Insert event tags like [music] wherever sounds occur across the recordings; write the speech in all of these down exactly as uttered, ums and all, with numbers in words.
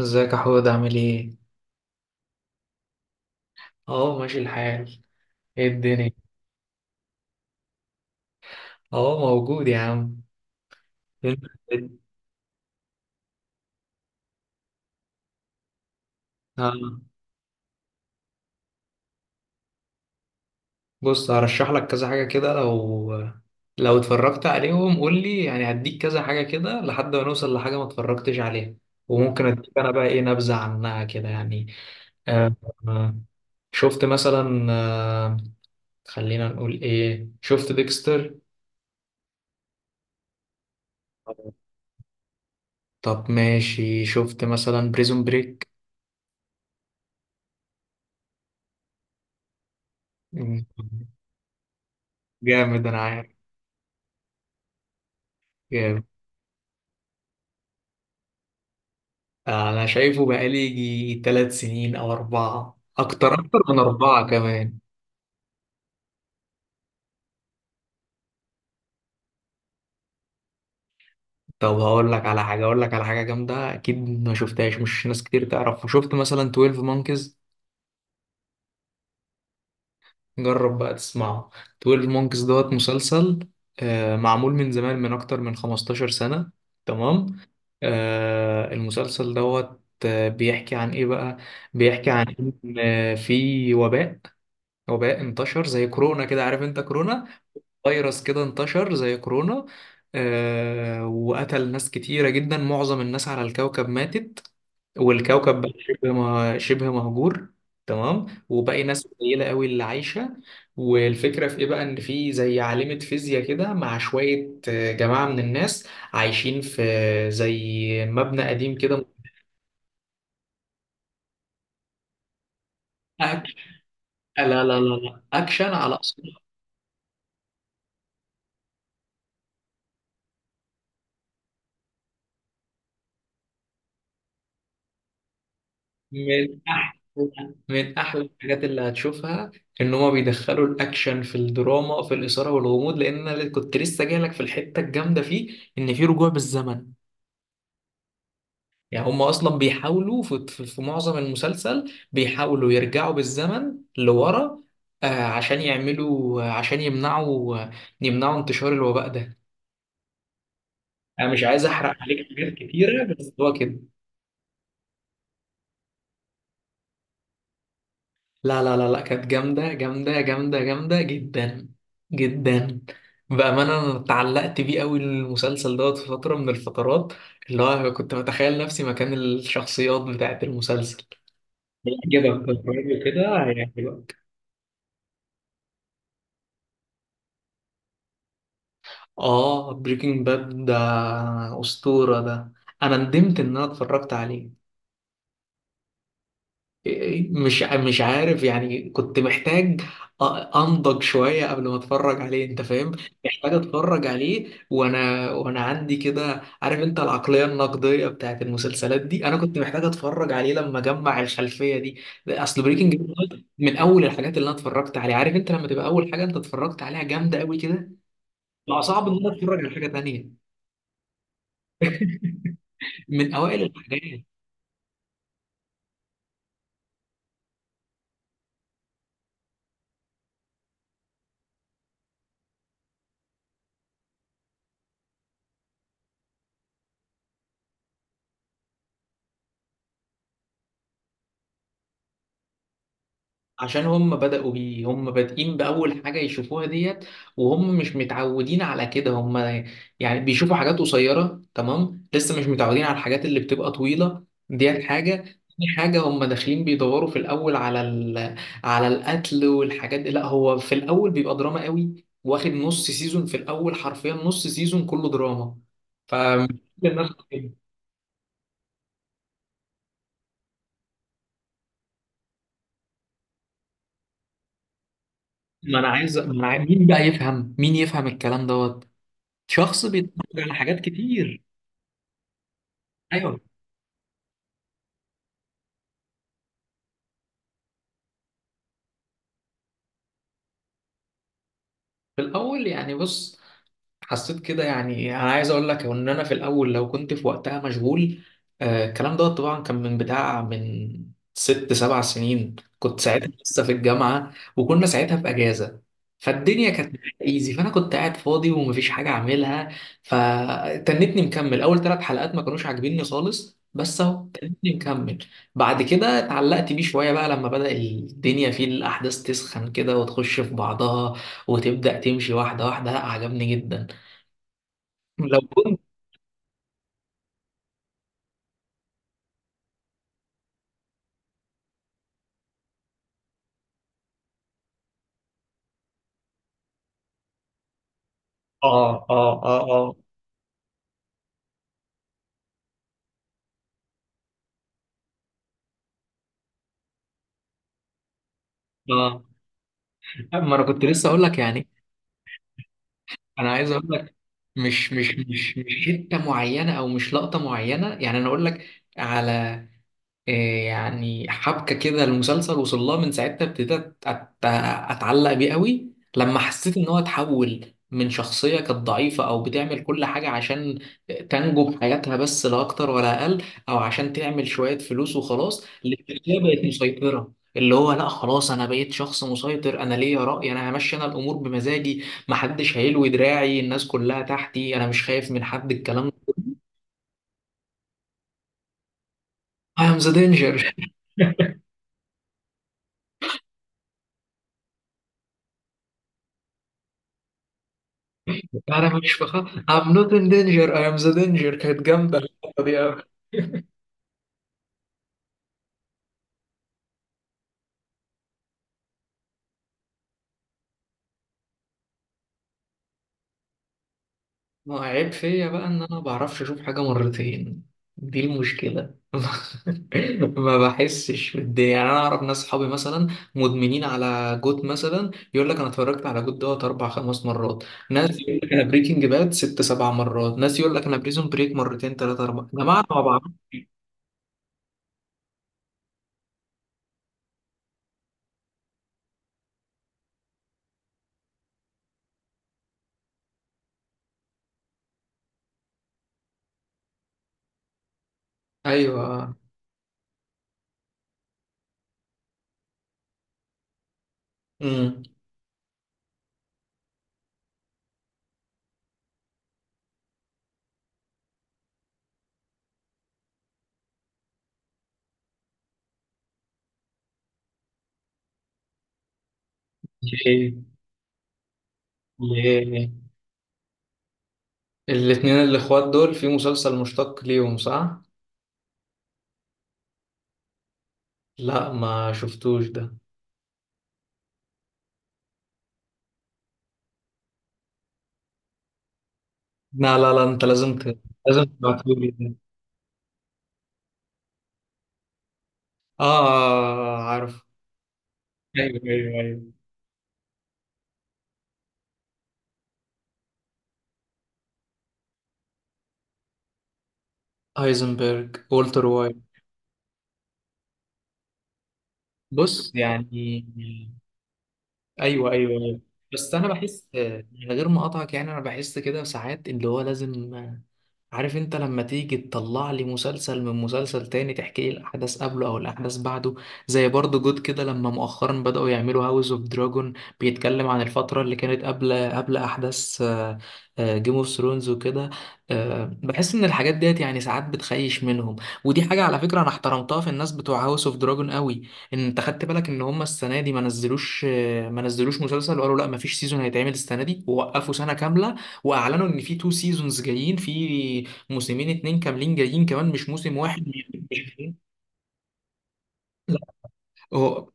ازيك يا حود؟ عامل ايه؟ اه، ماشي الحال. ايه الدنيا؟ اه، موجود يا عم. انت آه. بص، هرشح لك كذا حاجة كده، لو لو اتفرجت عليهم قول لي يعني، هديك كذا حاجة كده لحد ما نوصل لحاجة ما اتفرجتش عليها. وممكن اديك انا بقى ايه، نبذة عنها كده يعني. آه. آه، شفت مثلا آه. خلينا نقول ايه، شفت ديكستر. طب ماشي، شفت مثلا بريزون بريك. جامد، انا عارف. جامد. انا شايفه بقالي يجي تلات سنين او اربعة، اكتر، اكتر من اربعة كمان. طب هقول لك على حاجة، اقول لك على حاجة جامدة اكيد ما شفتهاش، مش ناس كتير تعرفها. شفت مثلا اثنا عشر مونكيز؟ جرب بقى تسمعه. تويلف مونكيز دوت مسلسل آه، معمول من زمان، من اكتر من خمستاشر سنة. تمام. آه، المسلسل دوت آه، بيحكي عن ايه بقى. بيحكي عن ان آه، في وباء. وباء انتشر زي كورونا كده، عارف انت كورونا. فيروس كده انتشر زي كورونا. آه، وقتل ناس كتيرة جدا، معظم الناس على الكوكب ماتت. والكوكب بقى شبه مه- شبه مهجور. تمام. وباقي ناس قليلة قوي اللي عايشة. والفكرة في ايه بقى؟ ان في زي عالمة فيزياء كده مع شوية آه، جماعة من الناس عايشين في زي مبنى قديم كده. أك... لا لا لا لا، اكشن على أصل. من احلى من احلى الحاجات اللي هتشوفها ان هما بيدخلوا الاكشن في الدراما، في الاثاره والغموض، لان انا كنت لسه جاي لك في الحته الجامده فيه، ان في رجوع بالزمن. يعني هما اصلا بيحاولوا في, في, في معظم المسلسل بيحاولوا يرجعوا بالزمن لورا، آه، عشان يعملوا، آه، عشان يمنعوا، آه، يمنعوا انتشار الوباء ده. انا مش عايز احرق عليك حاجات كتيره، بس هو كده. لا لا لا لا، كانت جامدة جامدة جامدة جامدة جدا جدا. بأمانة أنا اتعلقت بيه أوي المسلسل دوت في فترة من الفترات، اللي هو كنت بتخيل نفسي مكان الشخصيات بتاعت المسلسل. يعجبك، بتفرج كده هيعجبك. آه بريكنج باد ده أسطورة ده. أنا ندمت إن أنا اتفرجت عليه. مش مش عارف يعني، كنت محتاج أ- انضج شويه قبل ما اتفرج عليه، انت فاهم. محتاج اتفرج عليه وانا وانا عندي كده، عارف انت العقليه النقديه بتاعت المسلسلات دي. انا كنت محتاج اتفرج عليه لما اجمع الخلفيه دي. اصل بريكنج باد من اول الحاجات اللي انا اتفرجت عليها، عارف انت لما تبقى اول حاجه انت اتفرجت عليها جامده قوي كده، بقى صعب ان انا اتفرج على حاجه تانيه. من اوائل الحاجات. عشان هم بدأوا بيه، هم بادئين بأول حاجة يشوفوها ديت، وهم مش متعودين على كده. هم يعني بيشوفوا حاجات قصيرة. تمام. لسه مش متعودين على الحاجات اللي بتبقى طويلة. ديت حاجة. تاني حاجة، هم داخلين بيدوروا في الأول على ال... على القتل والحاجات دي. لا، هو في الأول بيبقى دراما قوي، واخد نص سيزون في الأول، حرفيا نص سيزون كله دراما. ف ما أنا عايز ما أنا عايز... مين بقى يفهم، مين يفهم الكلام دوت؟ شخص بيتفرج على حاجات كتير. ايوه. في الاول يعني، بص، حسيت كده يعني إيه، انا عايز اقول لك ان انا في الاول لو كنت في وقتها مشغول. آه، الكلام ده طبعا كان من بتاع من ست سبع سنين، كنت ساعتها لسه في الجامعه وكنا ساعتها في اجازه. فالدنيا كانت ايزي، فانا كنت قاعد فاضي ومفيش حاجه اعملها، فتنتني مكمل. اول ثلاث حلقات ما كانوش عاجبيني خالص، بس اهو تنتني مكمل. بعد كده اتعلقت بيه شويه بقى، لما بدأ الدنيا فيه الاحداث تسخن كده وتخش في بعضها وتبدأ تمشي واحده واحده. لا، عجبني جدا. لو كنت اه اه اه اه اه ما انا كنت لسه اقول لك يعني، انا عايز اقول لك، مش مش مش مش حته معينه او مش لقطه معينه. يعني انا اقول لك على إيه، يعني حبكة كده المسلسل وصلها، من ساعتها ابتديت أت- أتعلق بيه قوي، لما حسيت إن هو اتحول من شخصية كانت ضعيفة أو بتعمل كل حاجة عشان تنجو بحياتها بس، لا أكتر ولا أقل، أو عشان تعمل شوية فلوس وخلاص، لشخصية بقت مسيطرة، اللي هو لا خلاص أنا بقيت شخص مسيطر، أنا ليا رأي، أنا همشي، أنا الأمور بمزاجي، محدش هيلوي دراعي، الناس كلها تحتي، أنا مش خايف من حد، الكلام ده. I am the danger. انا مش بخاف. I'm not in danger. I am the danger. كانت جامدة اللقطة دي أوي. ما عيب فيا بقى ان انا ما بعرفش اشوف حاجة مرتين، دي المشكلة. [laughs] ما بحسش بالدنيا. يعني انا اعرف ناس، صحابي مثلا، مدمنين على جوت مثلا، يقول لك انا اتفرجت على جوت دوت اربع خمس مرات. ناس يقول لك انا بريكنج باد ست سبع مرات. ناس يقول لك انا بريزون بريك مرتين، ثلاثة، اربعة. يا جماعة، أنا ما بعرفش. ايوه. امم ليه؟ ليه؟ [laughs] الاتنين الاخوات دول في مسلسل مشتق ليهم، صح؟ لا، ما شفتوش ده. لا لا لا، انت لازم ت... لازم تبعتولي ده. اه، عارف. ايوه ايوه ايوه. هايزنبرج، والتر وايت. بص يعني. ايوه ايوه ايوه. بس انا بحس، من غير ما اقطعك يعني، انا بحس كده ساعات اللي هو لازم، عارف انت لما تيجي تطلع لي مسلسل من مسلسل تاني، تحكي لي الاحداث قبله او الاحداث بعده، زي برضه جود كده، لما مؤخرا بدأوا يعملوا هاوس اوف دراجون، بيتكلم عن الفترة اللي كانت قبل قبل احداث جيم اوف ثرونز وكده. آه، بحس ان الحاجات ديت يعني ساعات بتخيش منهم. ودي حاجة على فكرة انا احترمتها في الناس بتوع هاوس اوف دراجون قوي، ان انت خدت بالك ان هم السنة دي ما نزلوش آه، ما نزلوش مسلسل، وقالوا لا، ما فيش سيزون هيتعمل السنة دي، ووقفوا سنة كاملة واعلنوا ان في تو سيزونز جايين، في موسمين اتنين كاملين جايين، كمان مش موسم واحد. مش مش- هو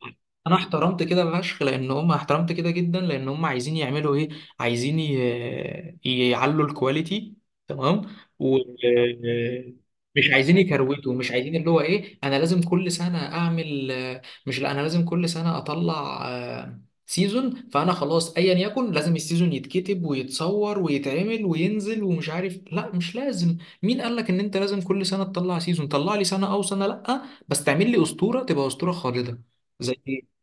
انا احترمت كده فشخ لان هم، احترمت كده جدا لان هم عايزين يعملوا ايه، عايزين ي- يعلوا الكواليتي. تمام. و آه، مش عايزين يكروتوا، مش عايزين اللي هو ايه، انا لازم كل سنه اعمل، مش، لا انا لازم كل سنه اطلع آه، سيزون، فانا خلاص ايا يكن لازم السيزون يتكتب ويتصور ويتعمل وينزل ومش عارف، لا، مش لازم. مين قال لك ان انت لازم كل سنه تطلع سيزون؟ طلع لي سنه او سنه لا، بس تعمل لي اسطوره تبقى اسطوره خالده. زي ايه؟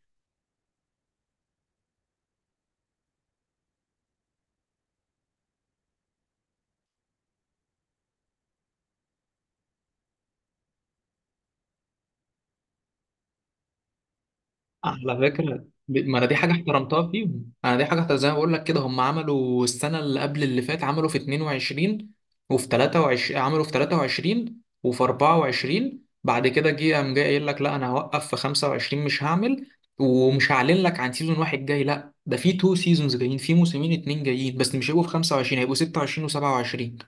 على فكرة ب- ما انا دي حاجة احترمتها فيهم، انا دي حاجة احترمتها زي ما بقول لك كده، هم عملوا السنة اللي قبل اللي فات، عملوا في اتنين وعشرين، وفي تلاتة وعشرين، عملوا في تلاتة وعشرين وفي اربعة وعشرين، بعد كده جه قام جاي قايل لك لا، انا هوقف في خمسة وعشرين، مش هعمل ومش هعلن لك عن سيزون واحد جاي، لا ده في تو سيزونز جايين، في موسمين اتنين جايين، بس مش هيبقوا في خمسة وعشرين، هيبقوا ستة وعشرين و27.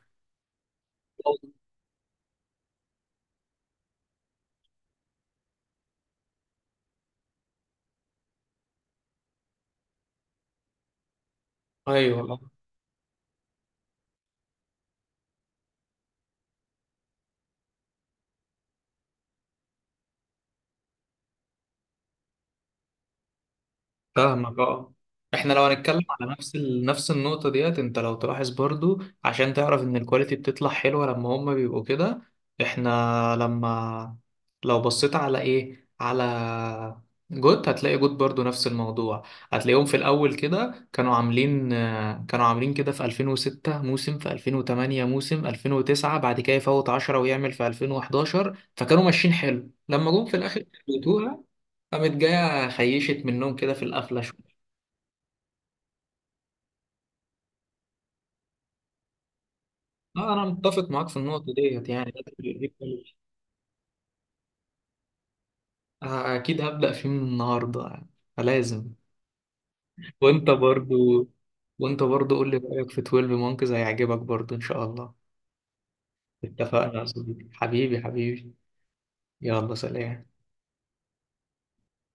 ايوه، فاهمك. اه. احنا لو هنتكلم على نفس ال... نفس النقطة ديت، انت لو تلاحظ برضو عشان تعرف ان الكواليتي بتطلع حلوة لما هما بيبقوا كده. احنا لما، لو بصيت على ايه، على جوت، هتلاقي جوت برضو نفس الموضوع، هتلاقيهم في الاول كده كانوا عاملين آه، كانوا عاملين كده في الفين وستة موسم، في الفين وتمانية موسم، الفين وتسعة بعد كده يفوت عشرة ويعمل في الفين وحداشر، فكانوا ماشيين حلو، لما جم في الاخر قامت جاية خيشت منهم كده في القفلة شوية. لا أنا متفق معاك في النقطة ديت، يعني لازم. يبقى ليه. أكيد هبدأ فيه من النهاردة يعني. لازم. وأنت برضو وأنت برضو قول لي رأيك في تويلف مونكز، هيعجبك برضو إن شاء الله. اتفقنا يا صديقي، حبيبي حبيبي. يلا سلام.